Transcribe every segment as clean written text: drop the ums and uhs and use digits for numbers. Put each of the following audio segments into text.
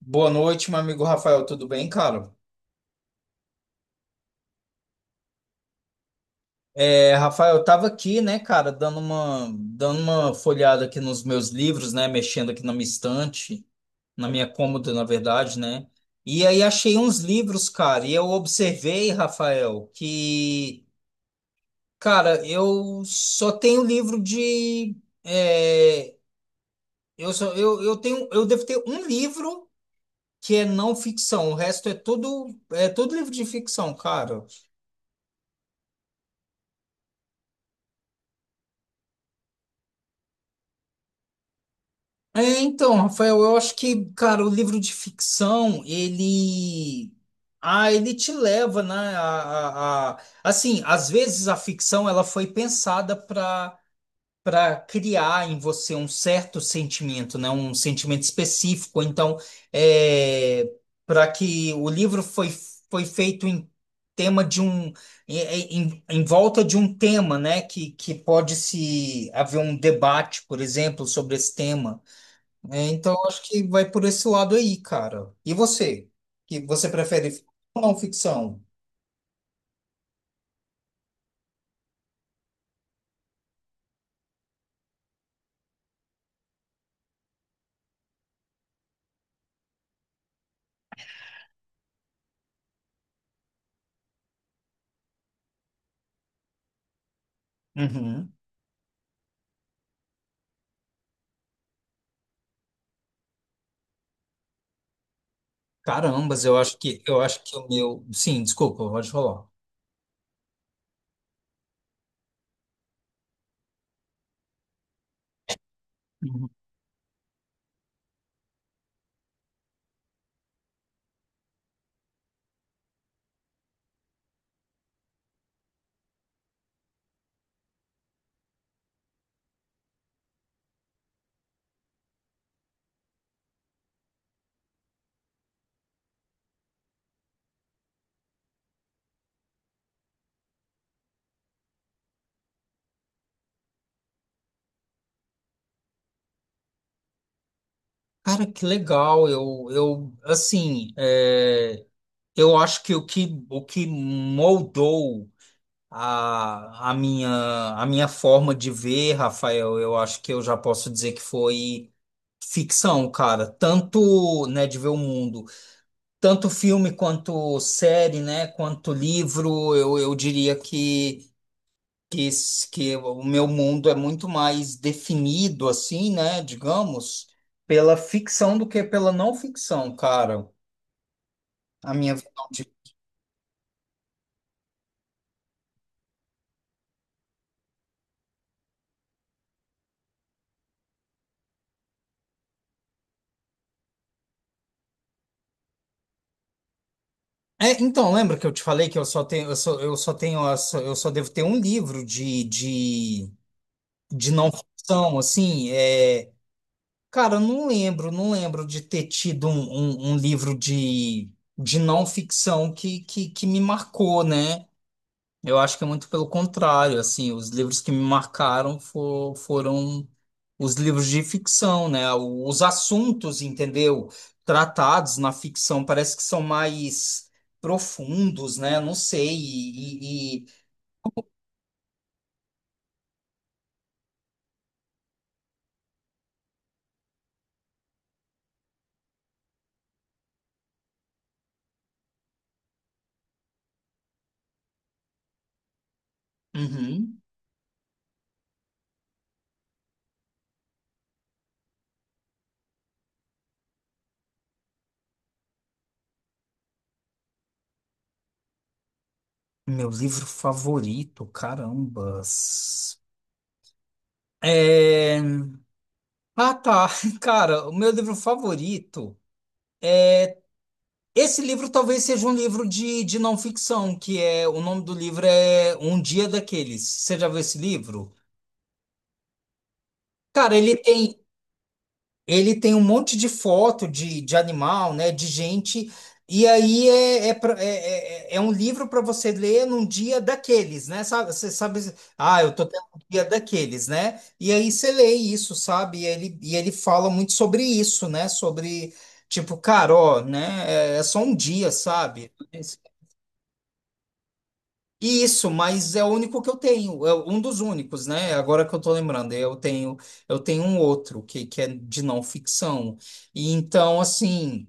Boa noite, meu amigo Rafael, tudo bem, cara? É, Rafael, eu tava aqui, né, cara, dando uma folhada aqui nos meus livros, né, mexendo aqui na minha estante, na minha cômoda, na verdade, né? E aí achei uns livros, cara, e eu observei, Rafael, que, cara, eu só tenho livro de, é, eu só, eu tenho, eu devo ter um livro que é não ficção, o resto é tudo livro de ficção, cara. É, então, Rafael, eu acho que, cara, o livro de ficção, ele. Ah, ele te leva, né? A, assim, às vezes a ficção ela foi pensada para criar em você um certo sentimento, né? Um sentimento específico. Então, é... para que o livro foi, foi feito em tema de um em volta de um tema, né? Que pode se haver um debate, por exemplo, sobre esse tema. É, então acho que vai por esse lado aí, cara. E você? Que você prefere ficção ou não ficção? Uhum. Carambas, eu acho que o meu. Sim, desculpa, pode falar. Uhum. Cara, que legal. Eu assim, é, eu acho que o que, o que moldou a, a minha, a minha forma de ver, Rafael, eu acho que eu já posso dizer que foi ficção, cara. Tanto, né, de ver o mundo. Tanto filme quanto série, né, quanto livro, eu diria que, que o meu mundo é muito mais definido, assim, né, digamos, pela ficção do que pela não ficção, cara. A minha visão de... É, então, lembra que eu te falei que eu só tenho, eu só tenho, eu só devo ter um livro de não ficção, assim, é, cara, eu não lembro, não lembro de ter tido um, um livro de não ficção que me marcou, né? Eu acho que é muito pelo contrário, assim, os livros que me marcaram foram os livros de ficção, né? Os assuntos, entendeu? Tratados na ficção parece que são mais profundos, né? Não sei, e... Uhum. Meu livro favorito, carambas. É... Ah, tá. Cara, o meu livro favorito. Esse livro talvez seja um livro de não ficção, que é. O nome do livro é Um Dia Daqueles. Você já viu esse livro? Cara, ele tem, ele tem um monte de foto de animal, né, de gente, e aí é, é, é é um livro para você ler num dia daqueles, né? Sabe, você sabe, ah, eu tô tendo um dia daqueles, né? E aí você lê isso, sabe? E ele fala muito sobre isso, né? Sobre, tipo, cara, ó, né? É, é só um dia, sabe? Isso, mas é o único que eu tenho, é um dos únicos, né? Agora que eu tô lembrando, eu tenho um outro que é de não ficção. E então, assim,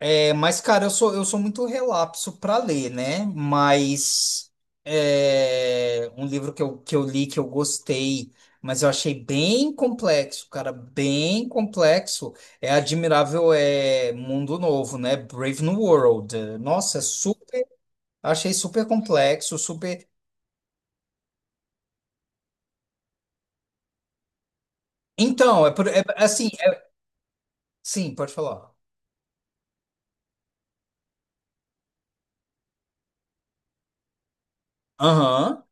é, mas cara, eu sou muito relapso para ler, né? Mas é, um livro que eu li que eu gostei, mas eu achei bem complexo, cara, bem complexo. É Admirável, é Mundo Novo, né? Brave New World. Nossa, é super achei super complexo, super. Então, é, assim, sim, pode falar. Aham.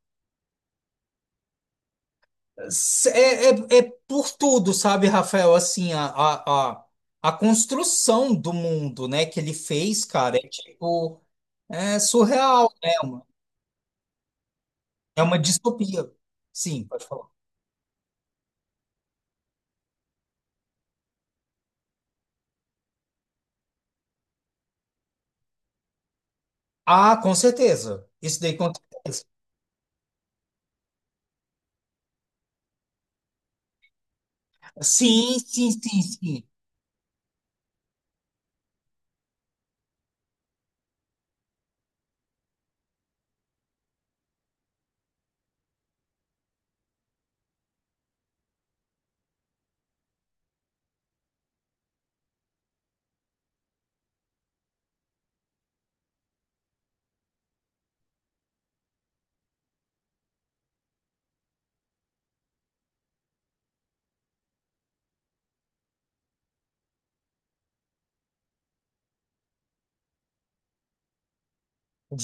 É, é, é por tudo, sabe, Rafael? Assim, a construção do mundo, né, que ele fez, cara, é tipo, é surreal, né? É uma distopia. Sim, pode falar. Ah, com certeza. Isso daí com certeza. Sim, sim, sim, sim.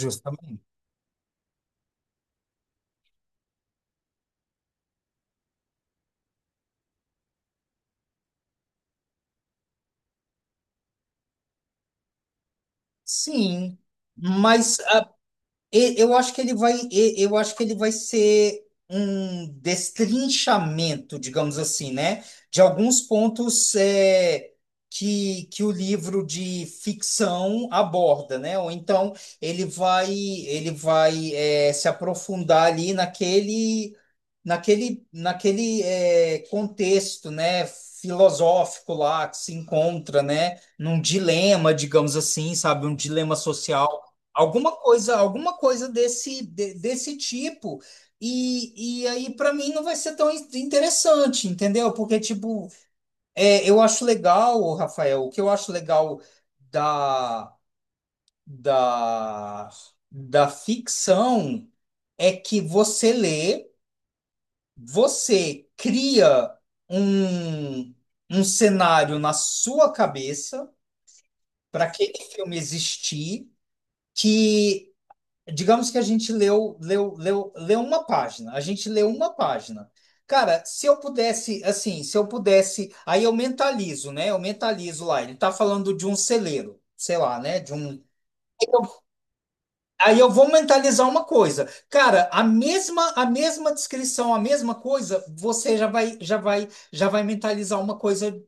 Justamente. Sim. Mas eu acho que ele vai, eu acho que ele vai ser um destrinchamento, digamos assim, né? De alguns pontos é, que o livro de ficção aborda, né? Ou então ele vai é, se aprofundar ali naquele, naquele é, contexto, né? Filosófico lá que se encontra, né? Num dilema, digamos assim, sabe? Um dilema social alguma coisa, alguma coisa desse, desse tipo. E aí, para mim, não vai ser tão interessante, entendeu? Porque, tipo, é, eu acho legal, Rafael, o que eu acho legal da, da, da ficção é que você lê, você cria um, um cenário na sua cabeça para aquele filme existir, que digamos que a gente leu, leu uma página. A gente leu uma página. Cara, se eu pudesse, assim, se eu pudesse, aí eu mentalizo, né? Eu mentalizo lá. Ele tá falando de um celeiro, sei lá, né? De um. Eu- Aí eu vou mentalizar uma coisa. Cara, a mesma descrição, a mesma coisa, você já vai já vai mentalizar uma coisa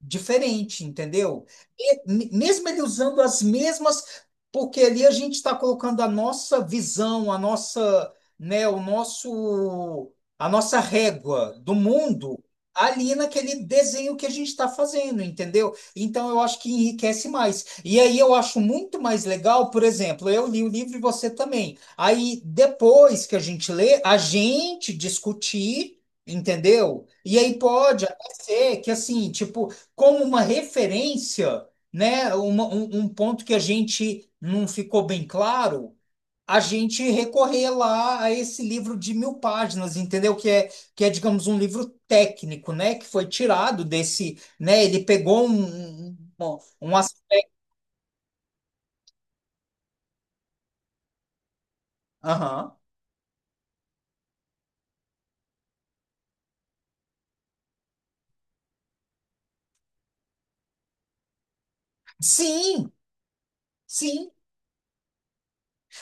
diferente, entendeu? E mesmo ele usando as mesmas, porque ali a gente está colocando a nossa visão, a nossa, né, o nosso, a nossa régua do mundo ali naquele desenho que a gente está fazendo, entendeu? Então eu acho que enriquece mais. E aí eu acho muito mais legal, por exemplo, eu li o livro e você também. Aí depois que a gente lê, a gente discutir, entendeu? E aí pode até ser que assim, tipo como uma referência, né, um, um ponto que a gente não ficou bem claro, a gente recorrer lá a esse livro de 1.000 páginas, entendeu? Que é, digamos, um livro técnico, né, que foi tirado desse, né, ele pegou um, um aspecto. Aham. Sim, sim.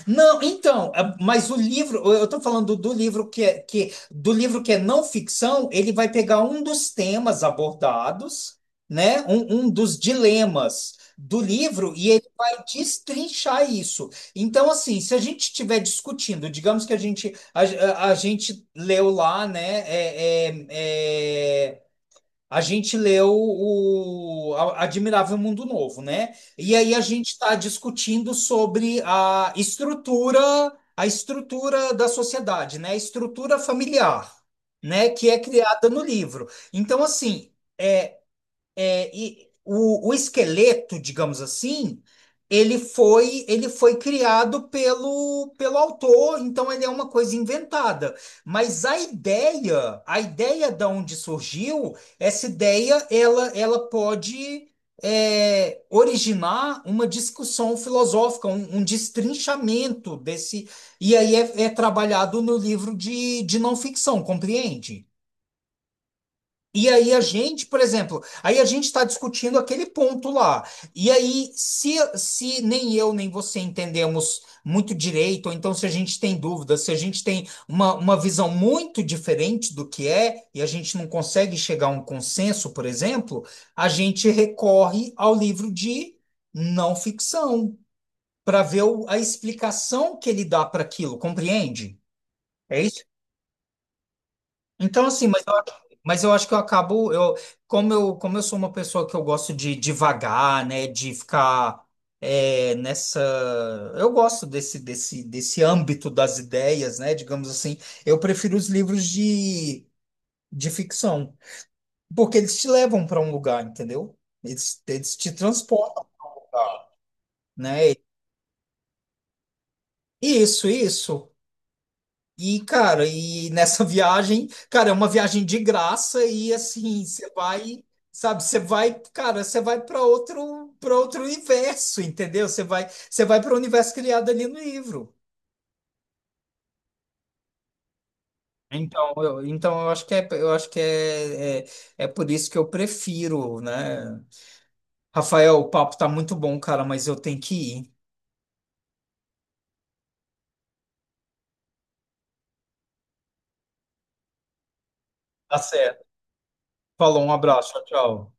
Não, então, é, mas o livro, eu estou falando do livro que é, que, do livro que é não ficção, ele vai pegar um dos temas abordados, né? Um dos dilemas do livro e ele vai destrinchar isso. Então, assim, se a gente estiver discutindo, digamos que a gente a, a gente leu lá, né? É, a gente leu o Admirável Mundo Novo, né? E aí a gente está discutindo sobre a estrutura da sociedade, né? A estrutura familiar, né? Que é criada no livro. Então, assim, é, é, e o esqueleto, digamos assim, ele foi criado pelo, pelo autor, então ele é uma coisa inventada. Mas a ideia da onde surgiu, essa ideia, ela pode é, originar uma discussão filosófica, um destrinchamento desse. E aí é, é trabalhado no livro de não ficção, compreende? E aí a gente, por exemplo, aí a gente está discutindo aquele ponto lá. E aí, se nem eu nem você entendemos muito direito, ou então se a gente tem dúvidas, se a gente tem uma visão muito diferente do que é, e a gente não consegue chegar a um consenso, por exemplo, a gente recorre ao livro de não ficção para ver a explicação que ele dá para aquilo, compreende? É isso então, assim, mas eu acho que eu acabo, eu, como eu, como eu sou uma pessoa que eu gosto de divagar, né, de ficar é, nessa, eu gosto desse, desse, desse âmbito das ideias, né, digamos assim, eu prefiro os livros de ficção, porque eles te levam para um lugar, entendeu? Eles te transportam, né? Isso, isso. E, cara, e nessa viagem, cara, é uma viagem de graça e assim, você vai, sabe, você vai, cara, você vai para outro universo, entendeu? Você vai para o universo criado ali no livro. Então eu acho que é, eu acho que é, é, é por isso que eu prefiro, né? Rafael, o papo tá muito bom, cara, mas eu tenho que ir. Tá certo. Falou, um abraço, tchau, tchau.